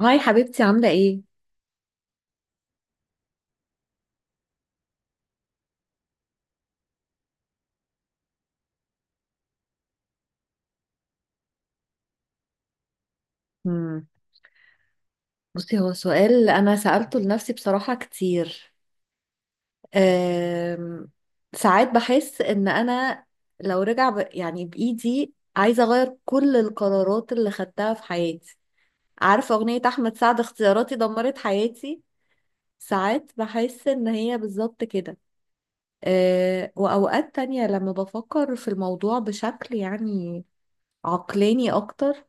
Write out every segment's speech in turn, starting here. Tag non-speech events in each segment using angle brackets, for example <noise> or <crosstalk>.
هاي حبيبتي، عاملة ايه؟ مم. بصي، هو سؤال أنا سألته لنفسي بصراحة كتير. أم... ساعات بحس إن أنا لو يعني بإيدي عايزة أغير كل القرارات اللي خدتها في حياتي. عارفة أغنية أحمد سعد؟ اختياراتي دمرت حياتي. ساعات بحس إن هي بالظبط كده. وأوقات تانية لما بفكر في الموضوع بشكل يعني عقلاني أكتر،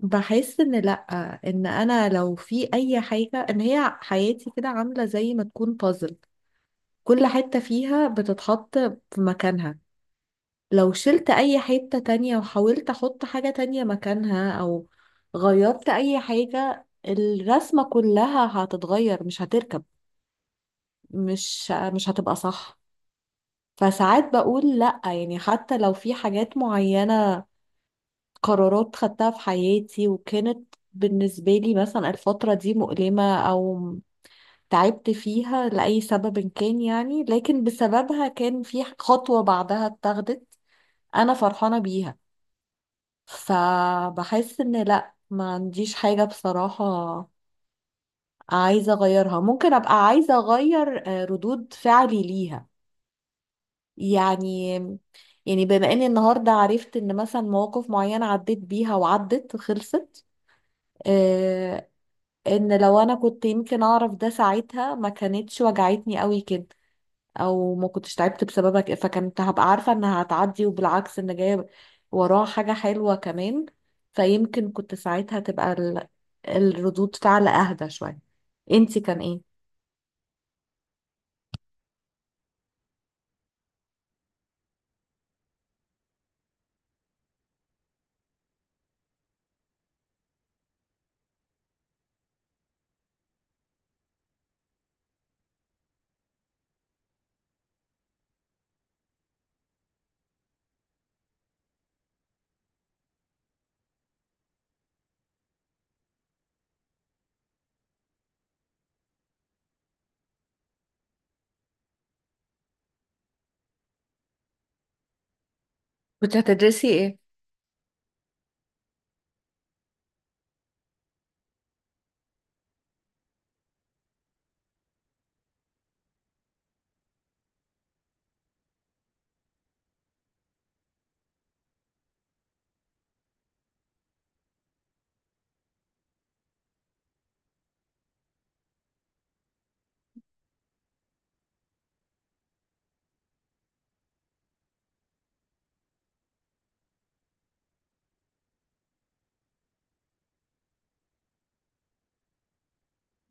بحس ان لا، ان انا لو في اي حاجه، ان هي حياتي كده عامله زي ما تكون بازل. كل حته فيها بتتحط في مكانها. لو شلت اي حته تانية وحاولت احط حاجه تانية مكانها او غيرت اي حاجه، الرسمه كلها هتتغير، مش هتركب، مش هتبقى صح. فساعات بقول لا، يعني حتى لو في حاجات معينه، قرارات خدتها في حياتي وكانت بالنسبة لي مثلا الفترة دي مؤلمة أو تعبت فيها لأي سبب كان، يعني لكن بسببها كان في خطوة بعدها اتاخدت أنا فرحانة بيها. فبحس إن لأ، ما عنديش حاجة بصراحة عايزة أغيرها. ممكن أبقى عايزة أغير ردود فعلي ليها يعني. يعني بما اني النهارده عرفت ان مثلا مواقف معينه عديت بيها وعدت وخلصت، ان لو انا كنت يمكن اعرف ده ساعتها، ما كانتش وجعتني قوي كده او ما كنتش تعبت بسببك، فكنت هبقى عارفة انها هتعدي وبالعكس ان جاية وراها حاجة حلوة كمان. فيمكن كنت ساعتها تبقى الردود فعل اهدى شوية. انتي كان ايه؟ كنت هتدرسي ايه؟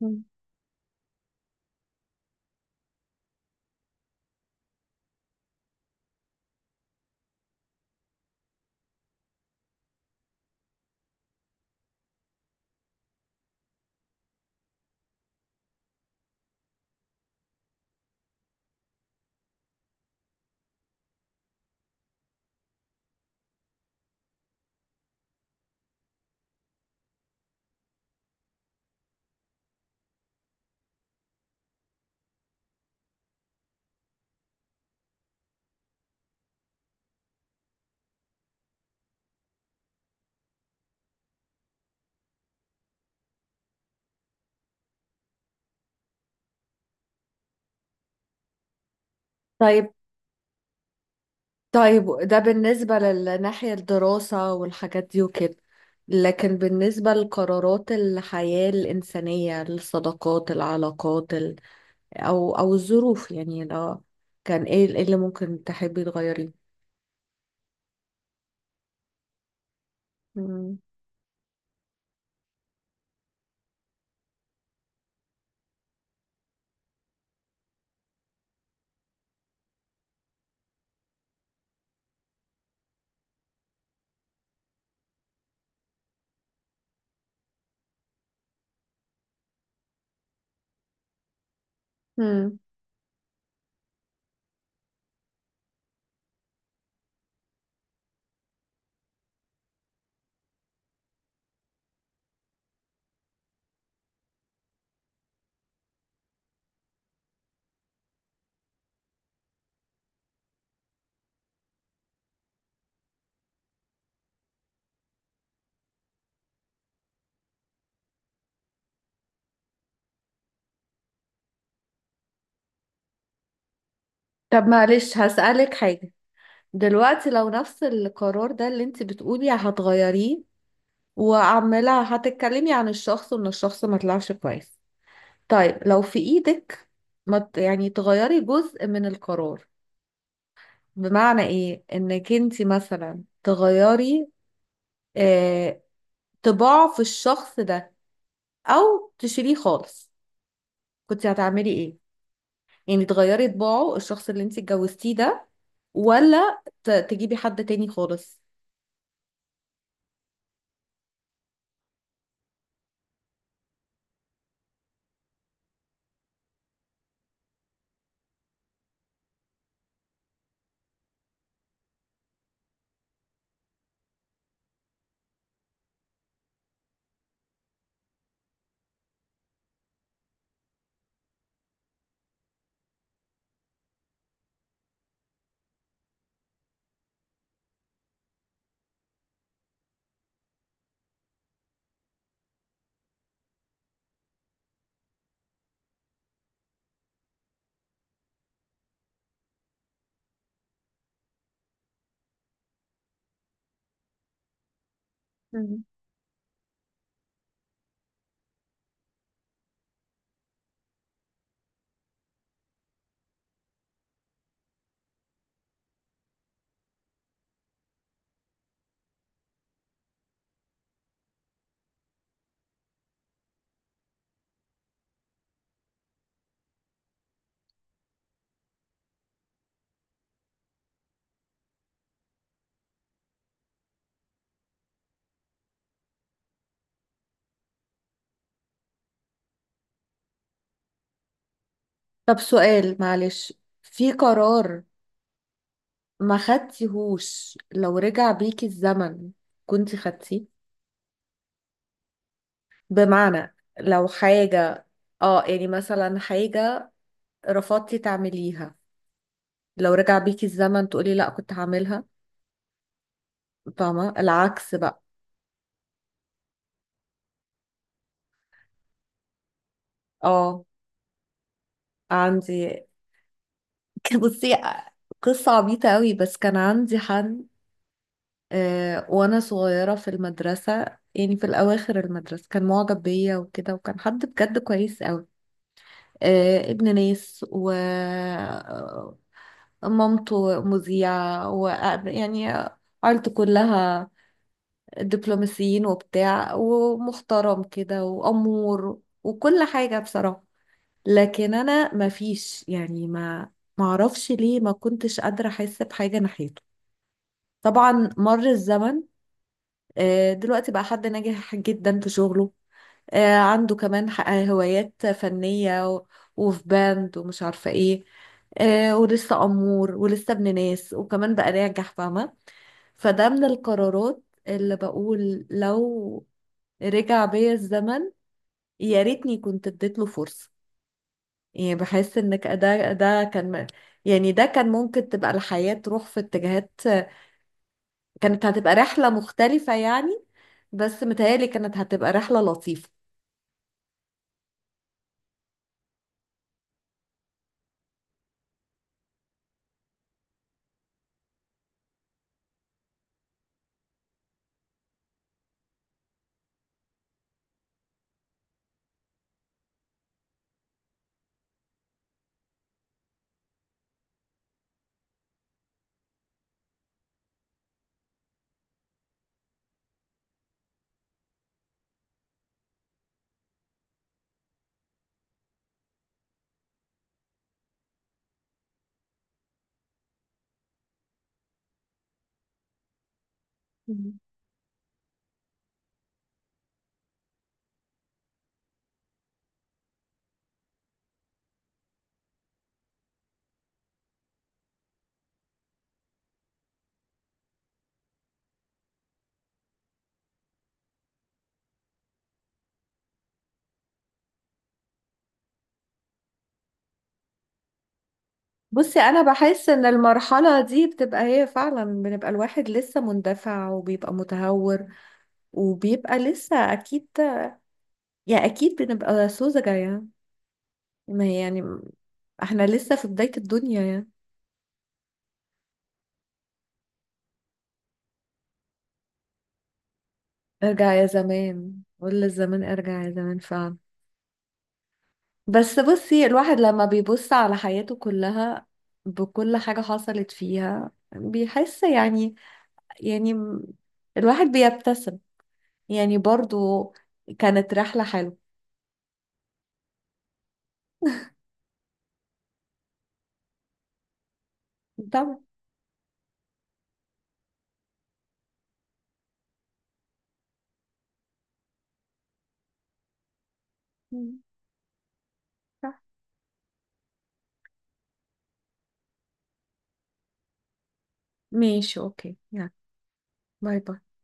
مم. طيب. طيب، ده بالنسبة للناحية الدراسة والحاجات دي وكده، لكن بالنسبة لقرارات الحياة الإنسانية، الصداقات، العلاقات، او الظروف، يعني لو كان ايه، إيه اللي ممكن تحبي تغيريه؟ مم. مم. طب معلش هسألك حاجة. دلوقتي لو نفس القرار ده اللي انت بتقولي هتغيريه، وعمالة هتتكلمي عن الشخص وان الشخص ما طلعش كويس، طيب لو في ايدك ما ت- يعني تغيري جزء من القرار، بمعنى ايه انك انت مثلا تغيري آه طباع في الشخص ده او تشيليه خالص، كنت هتعملي ايه؟ يعني تغيري طباعه الشخص اللي انت اتجوزتيه ده، ولا تجيبي حد تاني خالص؟ مم. طب سؤال معلش، في قرار ما خدتيهوش لو رجع بيكي الزمن كنت خدتيه؟ بمعنى لو حاجة، اه يعني مثلا حاجة رفضتي تعمليها، لو رجع بيكي الزمن تقولي لا كنت هعملها. فاهمة العكس بقى؟ اه عندي. <laughs> بصي، قصة عبيطة قوي، بس كان عندي حد، وانا صغيرة في المدرسة، يعني في الاواخر المدرسة، كان معجب بيا وكده، وكان حد بجد كويس قوي. ابن ناس، و مامته مذيعة، و يعني عيلته كلها دبلوماسيين وبتاع ومحترم كده وأمور وكل حاجة بصراحة. لكن أنا ما فيش، يعني ما معرفش ليه ما كنتش قادرة أحس بحاجة ناحيته. طبعا مر الزمن. دلوقتي بقى حد ناجح جدا في شغله، عنده كمان هوايات فنية، و وفي باند ومش عارفة ايه، ولسه أمور، ولسه ابن ناس، وكمان بقى ناجح، فاهمة؟ فده من القرارات اللي بقول لو رجع بيا الزمن، يا ريتني كنت اديت له فرصة. يعني بحس ان ده كان يعني ده كان ممكن تبقى الحياة تروح في اتجاهات، كانت هتبقى رحلة مختلفة يعني، بس متهيألي كانت هتبقى رحلة لطيفة. مم. بصي، أنا بحس إن المرحلة دي بتبقى هي فعلا، بنبقى الواحد لسه مندفع وبيبقى متهور وبيبقى لسه أكيد، يعني أكيد بنبقى سوزجة يعني. ما هي يعني احنا لسه في بداية الدنيا يعني. ارجع يا زمان، قول للزمان ارجع يا زمان، فعلا. بس بصي، الواحد لما بيبص على حياته كلها، بكل حاجة حصلت فيها، بيحس يعني، يعني م- الواحد بيبتسم، يعني برضو كانت رحلة حلوة. طبعا. مم. صح. ماشي اوكي، يلا باي باي.